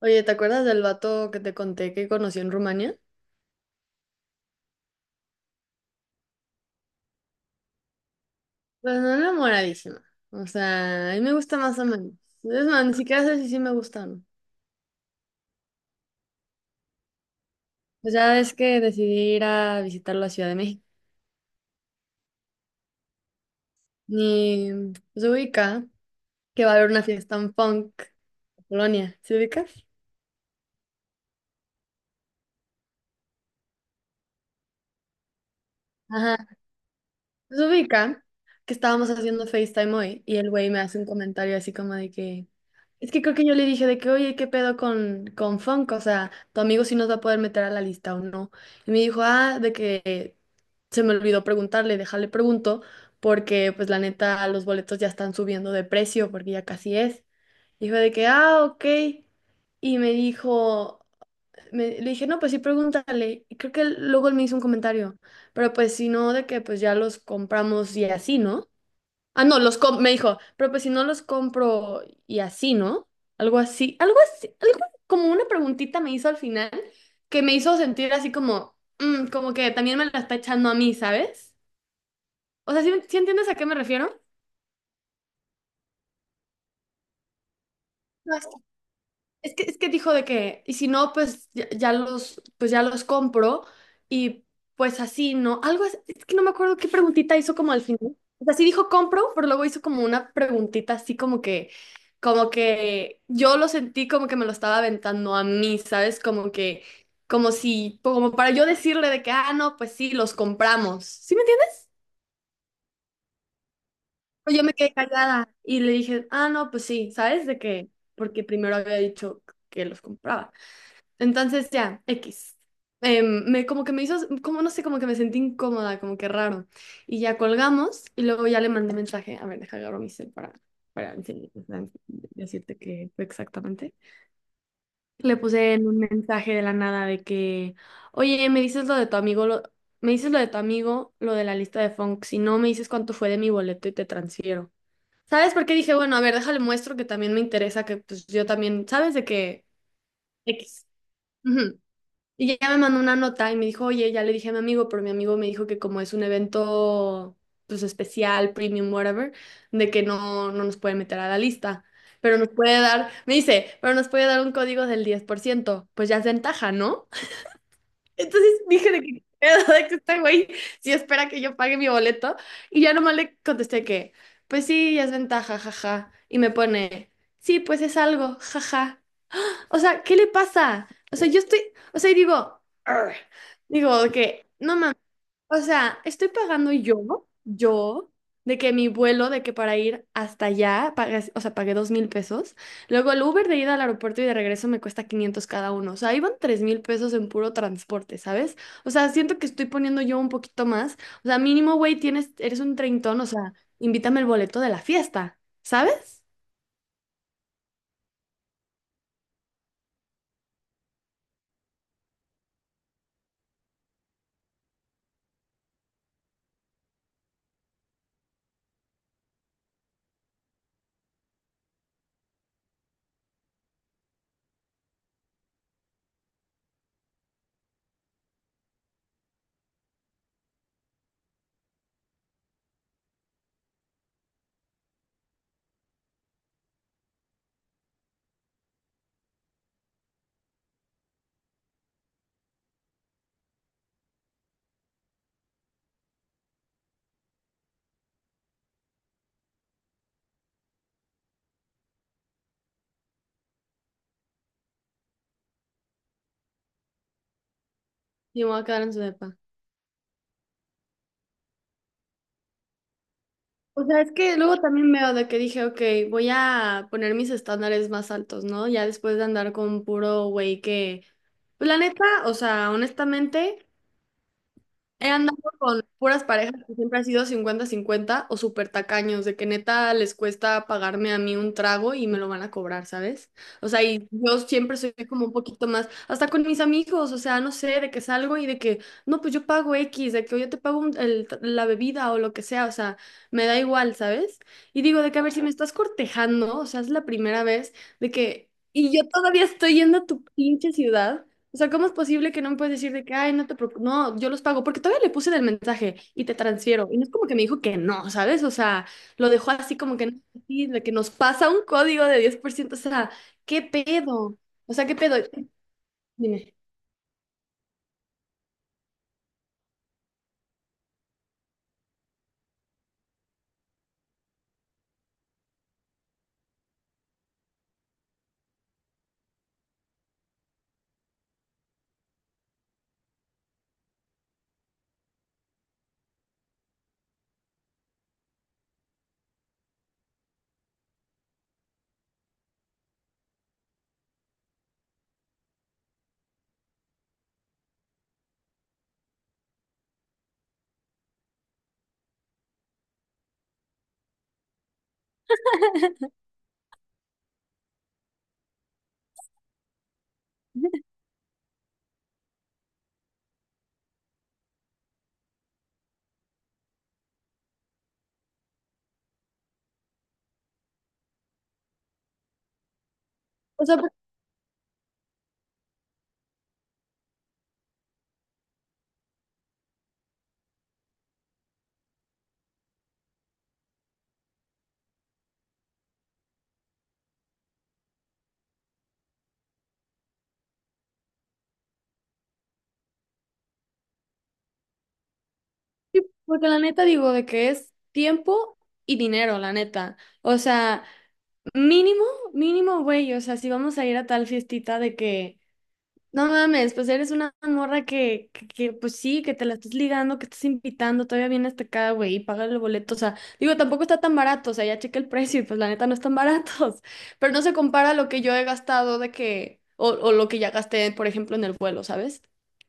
Oye, ¿te acuerdas del vato que te conté que conocí en Rumania? Pues no enamoradísima. O sea, a mí me gusta más o menos. Es más, ni siquiera sé si sí me gustan. Pues ya ves que decidí ir a visitar la Ciudad de México. Y pues, se ubica que va a haber una fiesta en punk en Polonia. ¿Se ubicas? Ajá. Se ubica que estábamos haciendo FaceTime hoy y el güey me hace un comentario así como de que, es que creo que yo le dije de que, oye, ¿qué pedo con Funk? O sea, tu amigo sí nos va a poder meter a la lista o no. Y me dijo, ah, de que se me olvidó preguntarle, déjale pregunto, porque pues la neta los boletos ya están subiendo de precio porque ya casi es. Dijo de que, ah, ok. Y me dijo le dije, no, pues sí, pregúntale. Y creo que luego él me hizo un comentario, pero pues si no, de que pues ya los compramos y así, ¿no? Ah, no, me dijo, pero pues si no los compro y así, ¿no? Algo como una preguntita me hizo al final que me hizo sentir así como, como que también me la está echando a mí, ¿sabes? O sea, ¿sí entiendes a qué me refiero? Es que dijo de que, y si no, pues ya los compro y pues así, ¿no? Algo, es que no me acuerdo qué preguntita hizo como al final. O sea, sí dijo compro, pero luego hizo como una preguntita así como que yo lo sentí como que me lo estaba aventando a mí, ¿sabes? Como que, como si, como para yo decirle de que, ah, no, pues sí, los compramos. ¿Sí me entiendes? Pero yo me quedé callada y le dije, ah, no, pues sí, ¿sabes? De que, porque primero había dicho que los compraba. Entonces ya, X. Como que me hizo, como no sé, como que me sentí incómoda, como que raro. Y ya colgamos y luego ya le mandé mensaje. A ver, deja agarro mi cel para para decirte qué fue exactamente. Le puse en un mensaje de la nada de que, oye, me dices lo de tu amigo, me dices lo de tu amigo, lo de la lista de funk. Si no, me dices cuánto fue de mi boleto y te transfiero. ¿Sabes por qué dije, bueno, a ver, déjale muestro que también me interesa, que pues yo también, ¿sabes de que X. Ujú. Y ya me mandó una nota y me dijo, oye, ya le dije a mi amigo, pero mi amigo me dijo que como es un evento pues especial, premium, whatever, de que no, no nos puede meter a la lista, pero nos puede dar, me dice, pero nos puede dar un código del 10% pues ya es ventaja, ¿no? Entonces dije de que, "¿Qué de que este güey si espera que yo pague mi boleto y ya nomás le contesté que, pues sí, ya es ventaja, jaja, y me pone, sí, pues es algo, jaja. O sea, ¿qué le pasa? O sea, yo estoy, o sea, y digo, "Arr". Digo de que, no mames, o sea, estoy pagando yo, de que mi vuelo, de que para ir hasta allá, o sea, pagué 2,000 pesos, luego el Uber de ida al aeropuerto y de regreso me cuesta 500 cada uno, o sea, iban 3,000 pesos en puro transporte, ¿sabes? O sea, siento que estoy poniendo yo un poquito más, o sea, mínimo, güey, tienes, eres un treintón, o sea, invítame el boleto de la fiesta, ¿sabes? Y me voy a quedar en su depa. O sea, es que luego también veo de que dije, ok, voy a poner mis estándares más altos, ¿no? Ya después de andar con puro güey que, pues la neta, o sea, honestamente, he andado con puras parejas que siempre ha sido 50-50 o súper tacaños, de que neta les cuesta pagarme a mí un trago y me lo van a cobrar, ¿sabes? O sea, y yo siempre soy como un poquito más, hasta con mis amigos, o sea, no sé, de que salgo y de que, no, pues yo pago X, de que yo te pago la bebida o lo que sea, o sea, me da igual, ¿sabes? Y digo, de que a ver, si me estás cortejando, o sea, es la primera vez de que, y yo todavía estoy yendo a tu pinche ciudad. O sea, ¿cómo es posible que no me puedes decir de que, ay, no te preocupes, no, yo los pago? Porque todavía le puse en el mensaje y te transfiero. Y no es como que me dijo que no, ¿sabes? O sea, lo dejó así como que, no, así, de que nos pasa un código de 10%. O sea, ¿qué pedo? O sea, ¿qué pedo? Dime. O sea, porque la neta digo de que es tiempo y dinero, la neta. O sea, mínimo, mínimo, güey. O sea, si vamos a ir a tal fiestita de que no mames, pues eres una morra que, pues sí, que te la estás ligando, que estás invitando, todavía vienes hasta acá, güey, y pagas el boleto. O sea, digo, tampoco está tan barato, o sea, ya chequé el precio y pues la neta no están baratos. Pero no se compara a lo que yo he gastado de que, o lo que ya gasté, por ejemplo, en el vuelo, ¿sabes?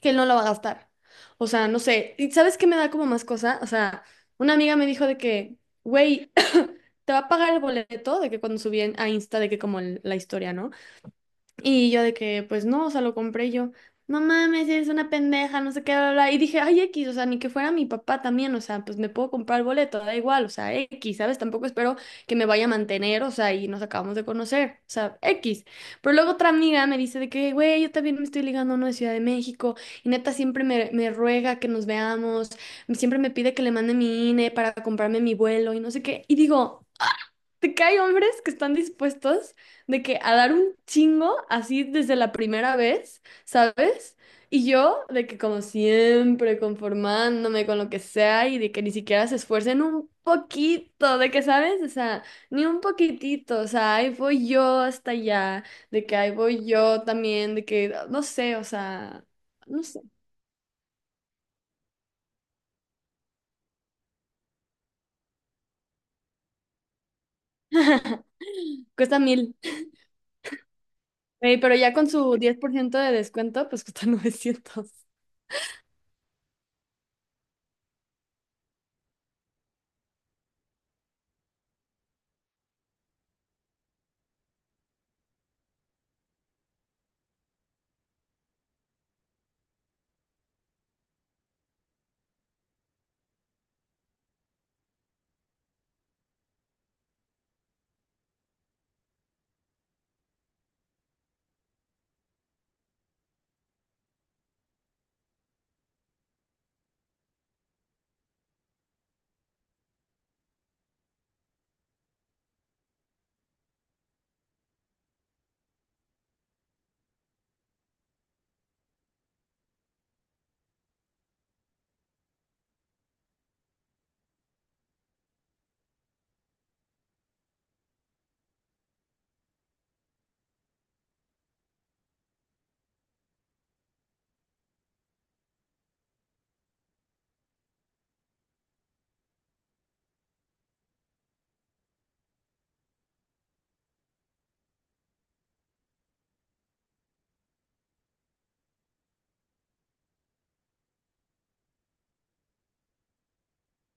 Que él no lo va a gastar. O sea, no sé. ¿Y sabes qué me da como más cosa? O sea, una amiga me dijo de que, güey, te va a pagar el boleto, de que cuando subí a Insta, de que como la historia, ¿no? Y yo de que, pues no, o sea, lo compré yo. No mames, eres una pendeja, no sé qué, bla, bla. Y dije, ay, X, o sea, ni que fuera mi papá también, o sea, pues me puedo comprar el boleto, da igual, o sea, X, ¿sabes? Tampoco espero que me vaya a mantener, o sea, y nos acabamos de conocer, o sea, X. Pero luego otra amiga me dice de que, güey, yo también me estoy ligando a uno de Ciudad de México, y neta siempre me ruega que nos veamos, siempre me pide que le mande mi INE para comprarme mi vuelo y no sé qué. Y digo, de que hay hombres que están dispuestos de que a dar un chingo así desde la primera vez, ¿sabes? Y yo de que como siempre conformándome con lo que sea y de que ni siquiera se esfuercen un poquito, de que, ¿sabes? O sea, ni un poquitito, o sea, ahí voy yo hasta allá, de que ahí voy yo también, de que, no sé, o sea, no sé. Cuesta 1,000. Güey, pero ya con su 10% de descuento, pues cuesta 900.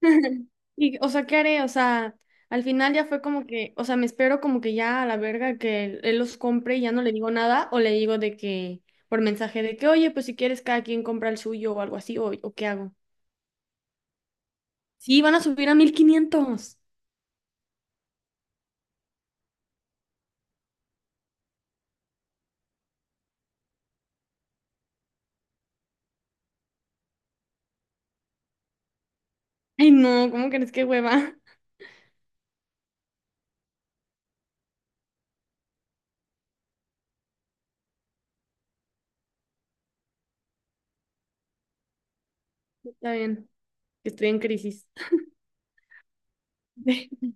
Y, o sea, ¿qué haré? O sea, al final ya fue como que, o sea, me espero como que ya a la verga que él los compre y ya no le digo nada, o le digo de que, por mensaje de que, oye, pues si quieres cada quien compra el suyo o algo así, o qué hago. Sí, van a subir a 1,500. Ay, no, ¿cómo crees que hueva? Está bien, estoy en crisis.